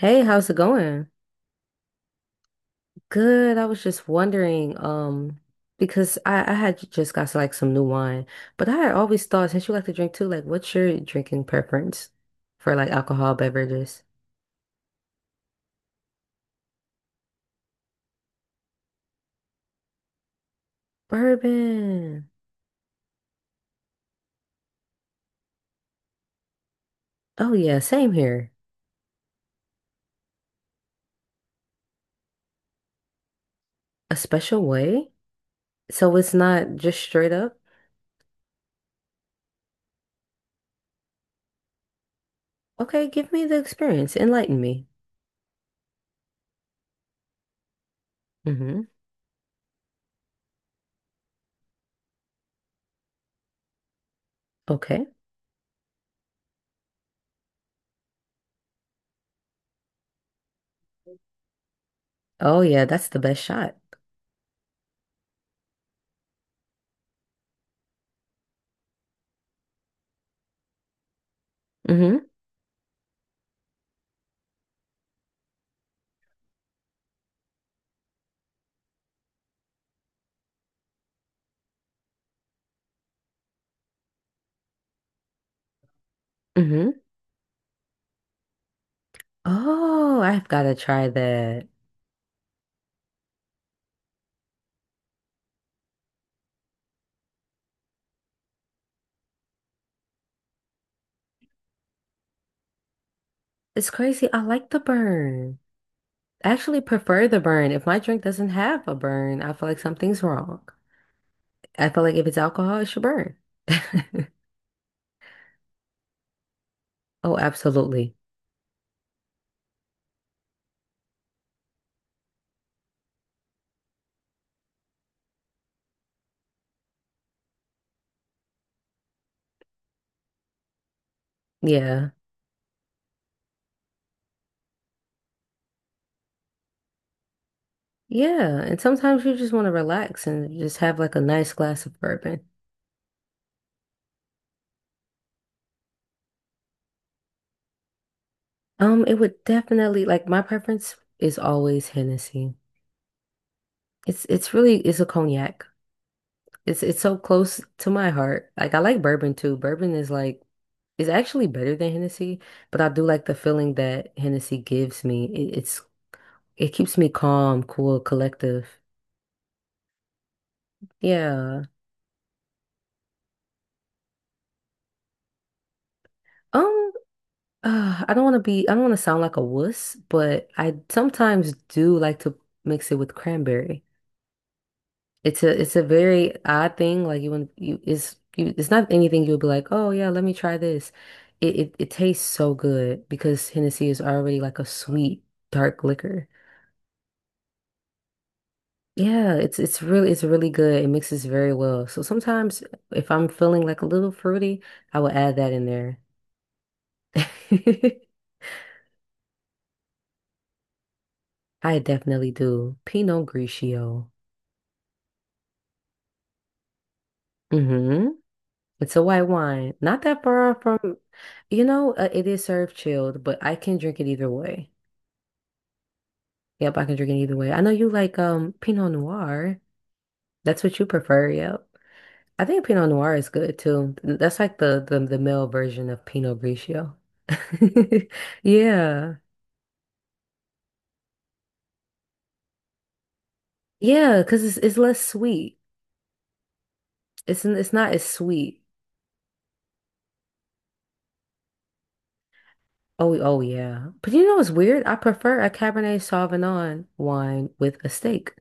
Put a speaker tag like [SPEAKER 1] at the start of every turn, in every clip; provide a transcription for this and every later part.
[SPEAKER 1] Hey, how's it going? Good. I was just wondering, because I had just got like some new wine, but I had always thought since you like to drink too, like what's your drinking preference for like alcohol beverages? Bourbon. Oh yeah, same here. A special way? So it's not just straight up. Okay, give me the experience. Enlighten me. Mm-hmm. Okay. Oh yeah, that's the best shot. Mm-hmm. Mm-hmm. Oh, I've gotta try that. It's crazy. I like the burn. I actually prefer the burn. If my drink doesn't have a burn, I feel like something's wrong. I feel like if it's alcohol, it should burn. Oh, absolutely. Yeah. Yeah. And sometimes you just want to relax and just have like a nice glass of bourbon. It would definitely like my preference is always Hennessy. It's really it's a cognac. It's so close to my heart. Like I like bourbon too. Bourbon is like is actually better than Hennessy, but I do like the feeling that Hennessy gives me. It's It keeps me calm, cool, collective. Yeah. Um, I don't want to I don't want to sound like a wuss, but I sometimes do like to mix it with cranberry. It's a very odd thing. Like you wouldn't, it's not anything you would be like, oh yeah, let me try this. It tastes so good because Hennessy is already like a sweet, dark liquor. Yeah, it's really, it's really good. It mixes very well. So sometimes if I'm feeling like a little fruity, I will add that in there. I definitely do. Pinot Grigio. Hmm. It's a white wine. Not that far from, it is served chilled, but I can drink it either way. Yep, I can drink it either way. I know you like Pinot Noir. That's what you prefer, yep. I think Pinot Noir is good too. That's like the male version of Pinot Grigio. Yeah. Yeah, because it's less sweet. It's not as sweet. Oh, oh yeah. But you know what's weird? I prefer a Cabernet Sauvignon wine with a steak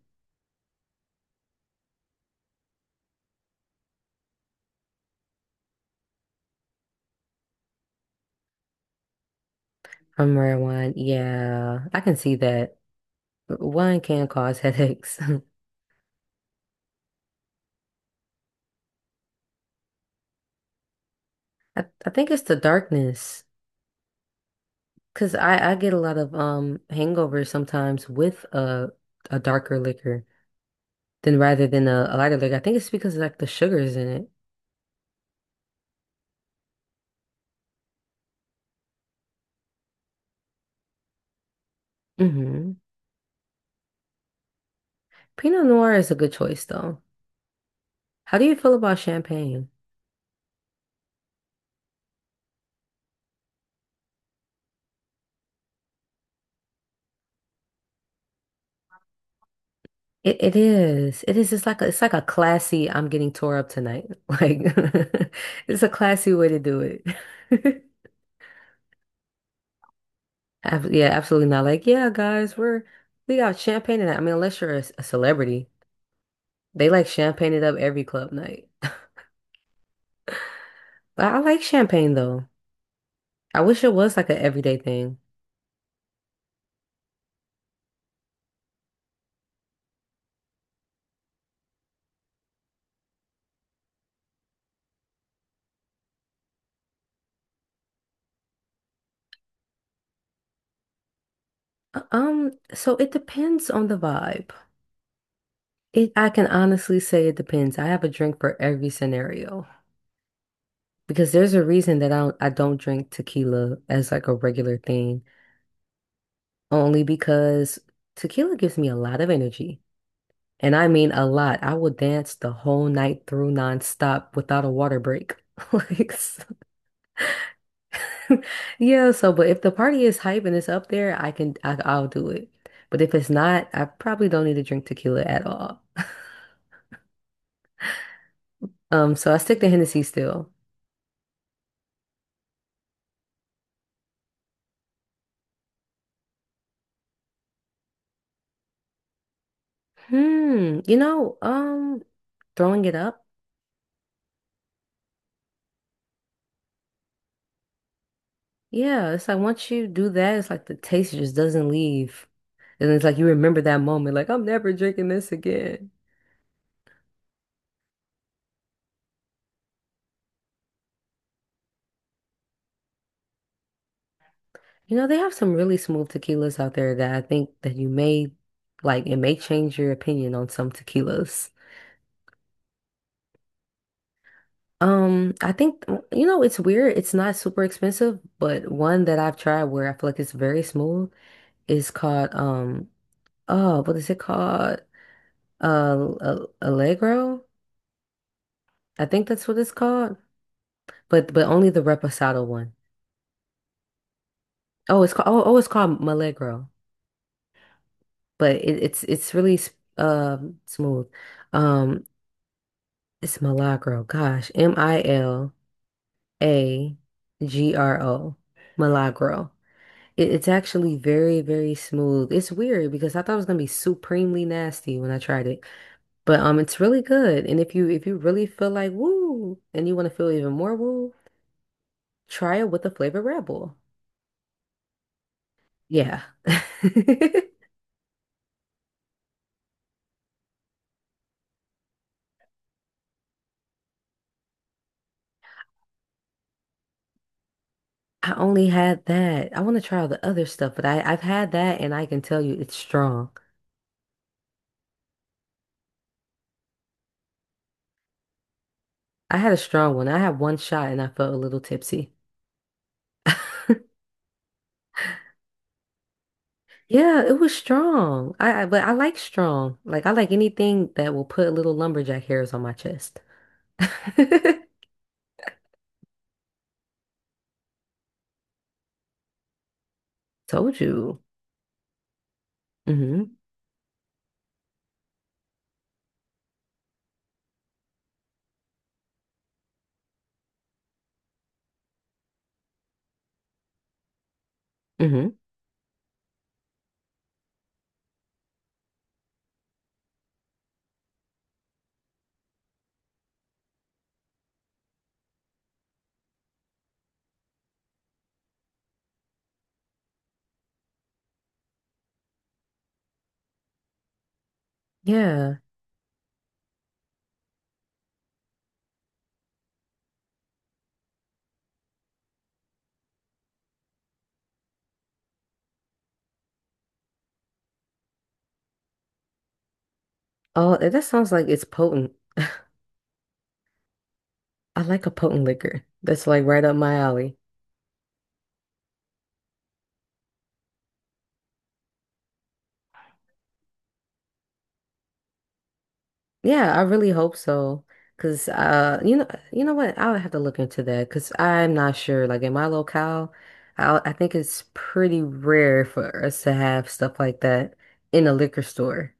[SPEAKER 1] from red wine. Yeah, I can see that. Wine can cause headaches. I think it's the darkness. I get a lot of hangovers sometimes with a darker liquor than rather than a lighter liquor. I think it's because of, like the sugars in it. Hmm. Pinot Noir is a good choice though. How do you feel about champagne? It is. It is. It's like it's like a classy. I'm getting tore up tonight. Like it's a classy way to do it. Yeah, absolutely not. Like, yeah, guys, we got champagne tonight. I mean, unless you're a celebrity, they like champagne it up every club night. But I like champagne though. I wish it was like an everyday thing. So it depends on the vibe. It I can honestly say it depends. I have a drink for every scenario. Because there's a reason that I don't drink tequila as like a regular thing, only because tequila gives me a lot of energy. And I mean a lot. I will dance the whole night through nonstop without a water break. Like, so- yeah, so but if the party is hype and it's up there, I'll do it. But if it's not, I probably don't need to drink tequila at all. So I stick to Hennessy still. Hmm, you know, throwing it up. Yeah, it's like once you do that, it's like the taste just doesn't leave. And it's like you remember that moment, like I'm never drinking this again. You know, they have some really smooth tequilas out there that I think that you may like it may change your opinion on some tequilas. I think you know, it's weird, it's not super expensive, but one that I've tried where I feel like it's very smooth is called oh, what is it called? Allegro. I think that's what it's called. But only the reposado one. Oh, it's called it's called Milagro, but it's really smooth. Um, it's Milagro. Gosh, Milagro, Milagro. It, it's actually very very smooth. It's weird because I thought it was gonna be supremely nasty when I tried it, but it's really good. And if you really feel like woo, and you want to feel even more woo, try it with the flavored Red Bull. Yeah. I only had that. I want to try all the other stuff, but I've had that and I can tell you it's strong. I had a strong one. I had one shot and I felt a little tipsy. Yeah, it was strong. I but I like strong. Like I like anything that will put little lumberjack hairs on my chest. Told you. Hmm. Hmm. Yeah. Oh, that sounds like it's potent. I like a potent liquor. That's like right up my alley. Yeah, I really hope so. Cause uh, you know, you know what? I will have to look into that because I'm not sure. Like in my locale, I think it's pretty rare for us to have stuff like that in a liquor store.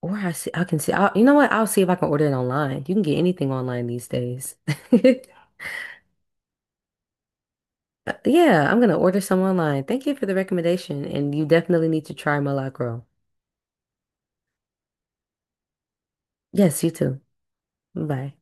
[SPEAKER 1] I can see. You know what? I'll see if I can order it online. You can get anything online these days. Yeah, I'm gonna order some online. Thank you for the recommendation, and you definitely need to try Malacro. Yes, you too. Bye.